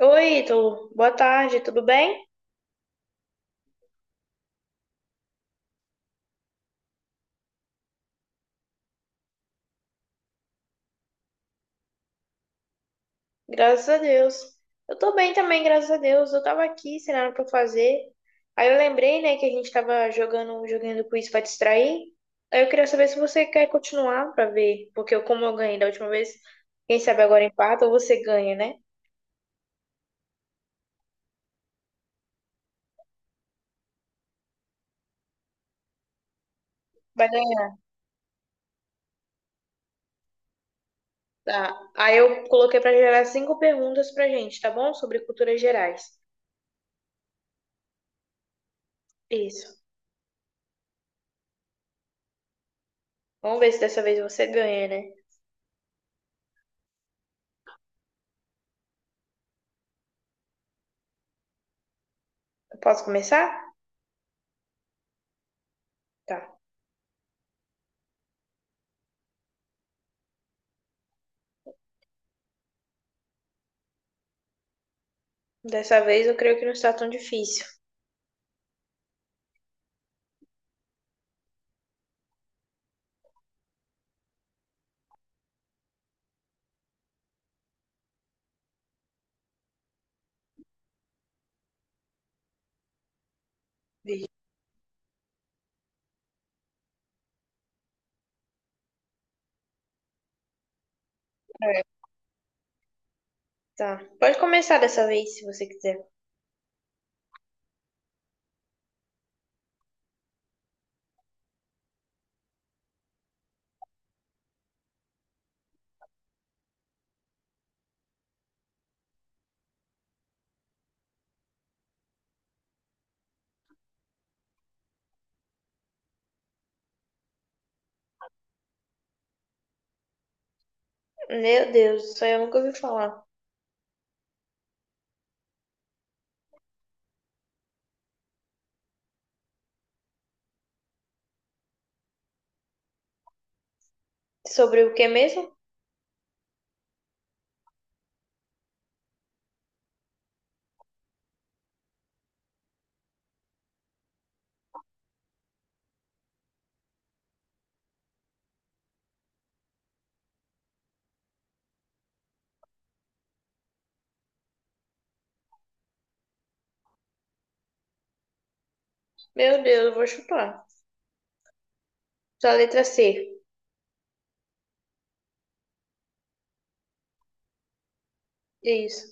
Oi, Ítalo. Boa tarde, tudo bem? Graças a Deus. Eu tô bem também, graças a Deus. Eu tava aqui sem nada pra fazer. Aí eu lembrei, né, que a gente tava jogando um joguinho do quiz pra distrair. Aí eu queria saber se você quer continuar pra ver, porque eu, como eu ganhei da última vez, quem sabe agora empata ou você ganha, né? Vai ganhar. Tá. Aí eu coloquei pra gerar cinco perguntas pra gente, tá bom? Sobre culturas gerais. Isso. Vamos ver se dessa vez você ganha, né? Eu posso começar? Tá. Dessa vez eu creio que não está tão difícil. Tá. Pode começar dessa vez, se você quiser. Meu Deus, isso aí eu nunca ouvi falar. Sobre o que mesmo? Meu Deus, eu vou chutar. Só a letra C. Isso.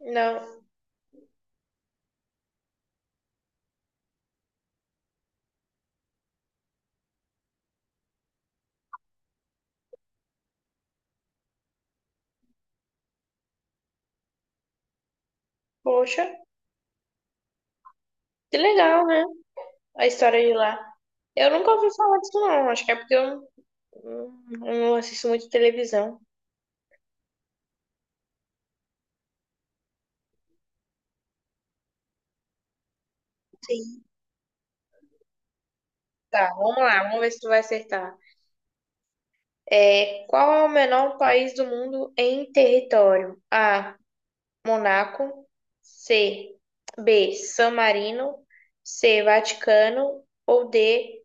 Não. Poxa, que legal, né? A história de lá. Eu nunca ouvi falar disso, não. Acho que é porque eu não assisto muito televisão. Sim. Tá, vamos lá. Vamos ver se tu vai acertar. É, qual é o menor país do mundo em território? A. Monaco, C. B. San Marino, C. Vaticano ou D.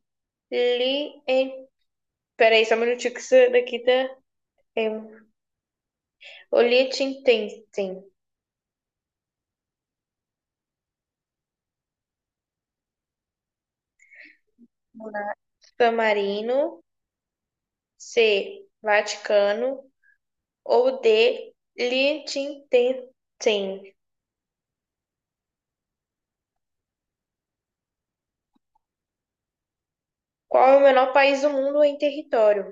Li... em- Peraí, só um minutinho que isso daqui tá. É... O Liechtenstein. San Marino, C. Vaticano ou D. Liechtenstein. Qual é o menor país do mundo em território?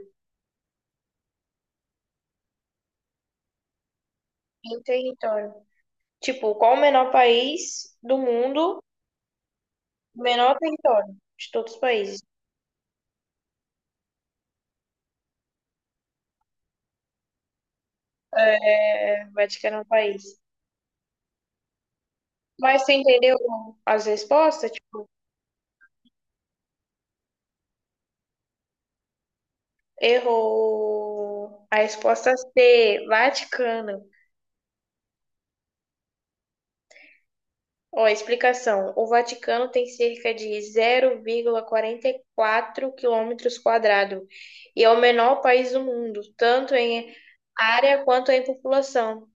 Em território. Tipo, qual o menor país do mundo, menor território de todos os países? É, Vaticano é um país. Mas você entendeu as respostas? Tipo, errou a resposta C, Vaticano. Ó, explicação. O Vaticano tem cerca de 0,44 quilômetros quadrados e é o menor país do mundo, tanto em área quanto em população.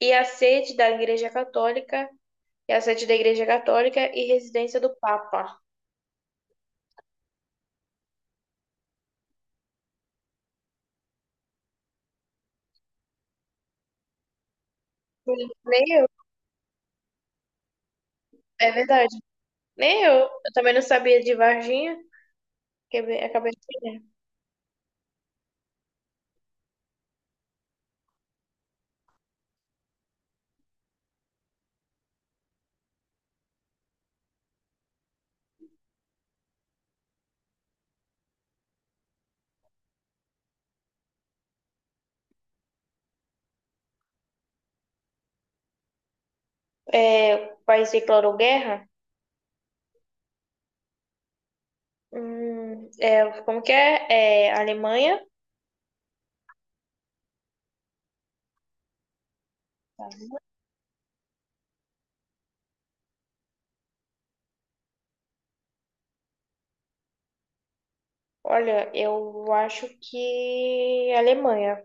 E a sede da Igreja Católica é a sede da Igreja Católica e residência do Papa. Hum, Nem eu, é verdade. Nem eu. Eu também não sabia de Varginha. Quer ver? Acabei de ver. É, o país declarou guerra? É, como que é? É, Alemanha? Olha, eu acho que Alemanha.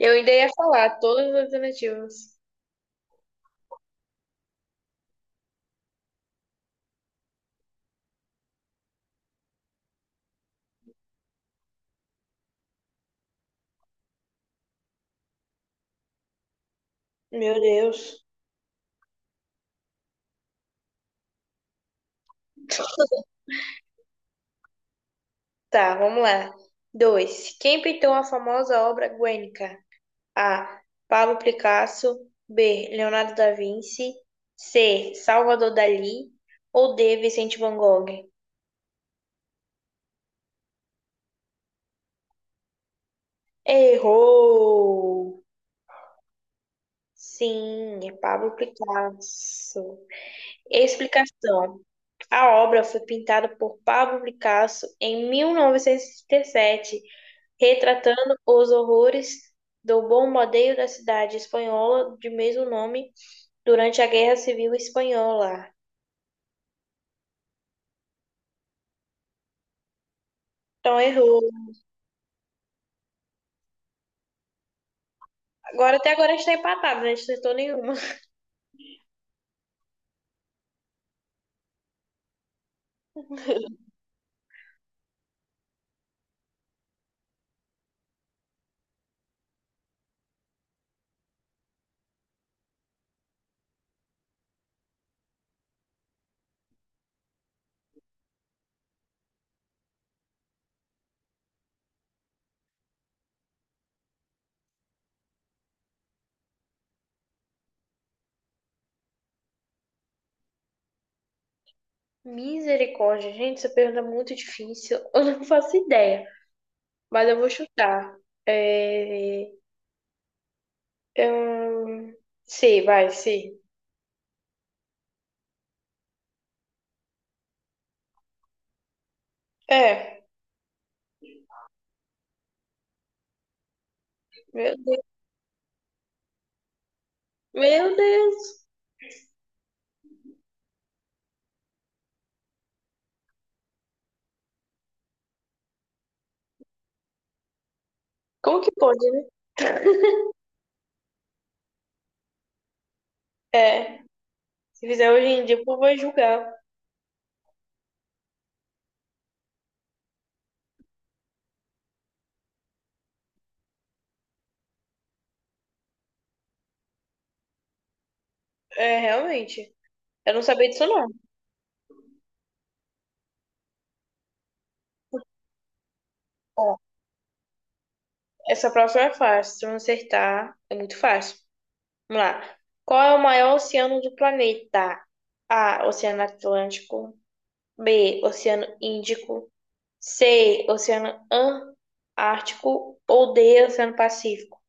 Eu ainda ia falar todas as alternativas. Meu Deus. Tá, vamos lá. Dois. Quem pintou a famosa obra Guernica? A. Pablo Picasso. B. Leonardo da Vinci. C. Salvador Dalí. Ou D. Vicente Van Gogh? Errou! Sim, é Pablo Picasso. Explicação. A obra foi pintada por Pablo Picasso em 1937, retratando os horrores do bombardeio da cidade espanhola de mesmo nome durante a Guerra Civil Espanhola. Então errou. Agora até agora a gente tá empatado, né? A gente não acertou nenhuma. Misericórdia, gente, essa pergunta é muito difícil. Eu não faço ideia, mas eu vou chutar. É... Hum, sim, vai, sim. É, meu Deus, meu Deus. Como que pode, né? É, se fizer hoje em dia, o povo vai julgar. É, realmente. Eu não sabia disso, não. Ó, essa próxima é fácil. Se eu não acertar, é muito fácil. Vamos lá. Qual é o maior oceano do planeta? A, Oceano Atlântico. B, Oceano Índico. C, Oceano Antártico. Ou D, Oceano Pacífico.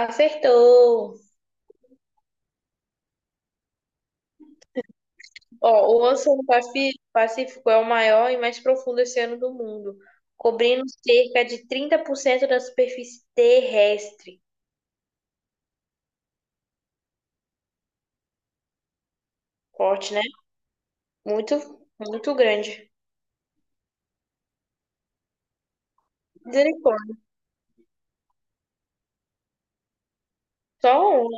Acertou! Ó, o Oceano Pacífico é o maior e mais profundo oceano do mundo, cobrindo cerca de 30% da superfície terrestre. Forte, né? Muito, muito grande. Misericórdia. Só um.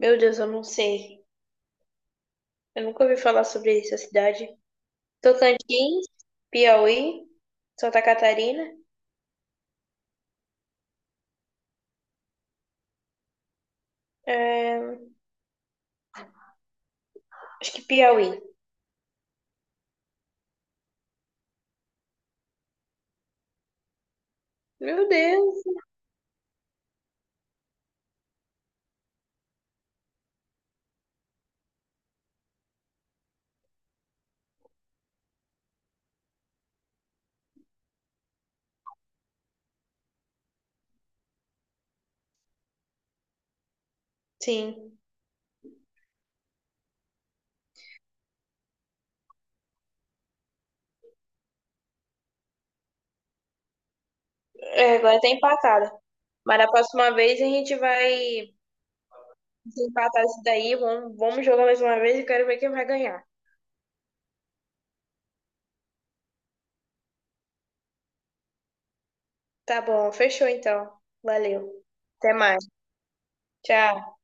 Meu Deus, eu não sei. Eu nunca ouvi falar sobre essa cidade. Tocantins, Piauí, Santa Catarina. É, acho que Piauí. Meu Deus. Sim. É, agora tá empatada. Mas na próxima vez a gente vai. Se empatar isso daí, vamos jogar mais uma vez e quero ver quem vai ganhar. Tá bom, fechou então. Valeu. Até mais. Tchau.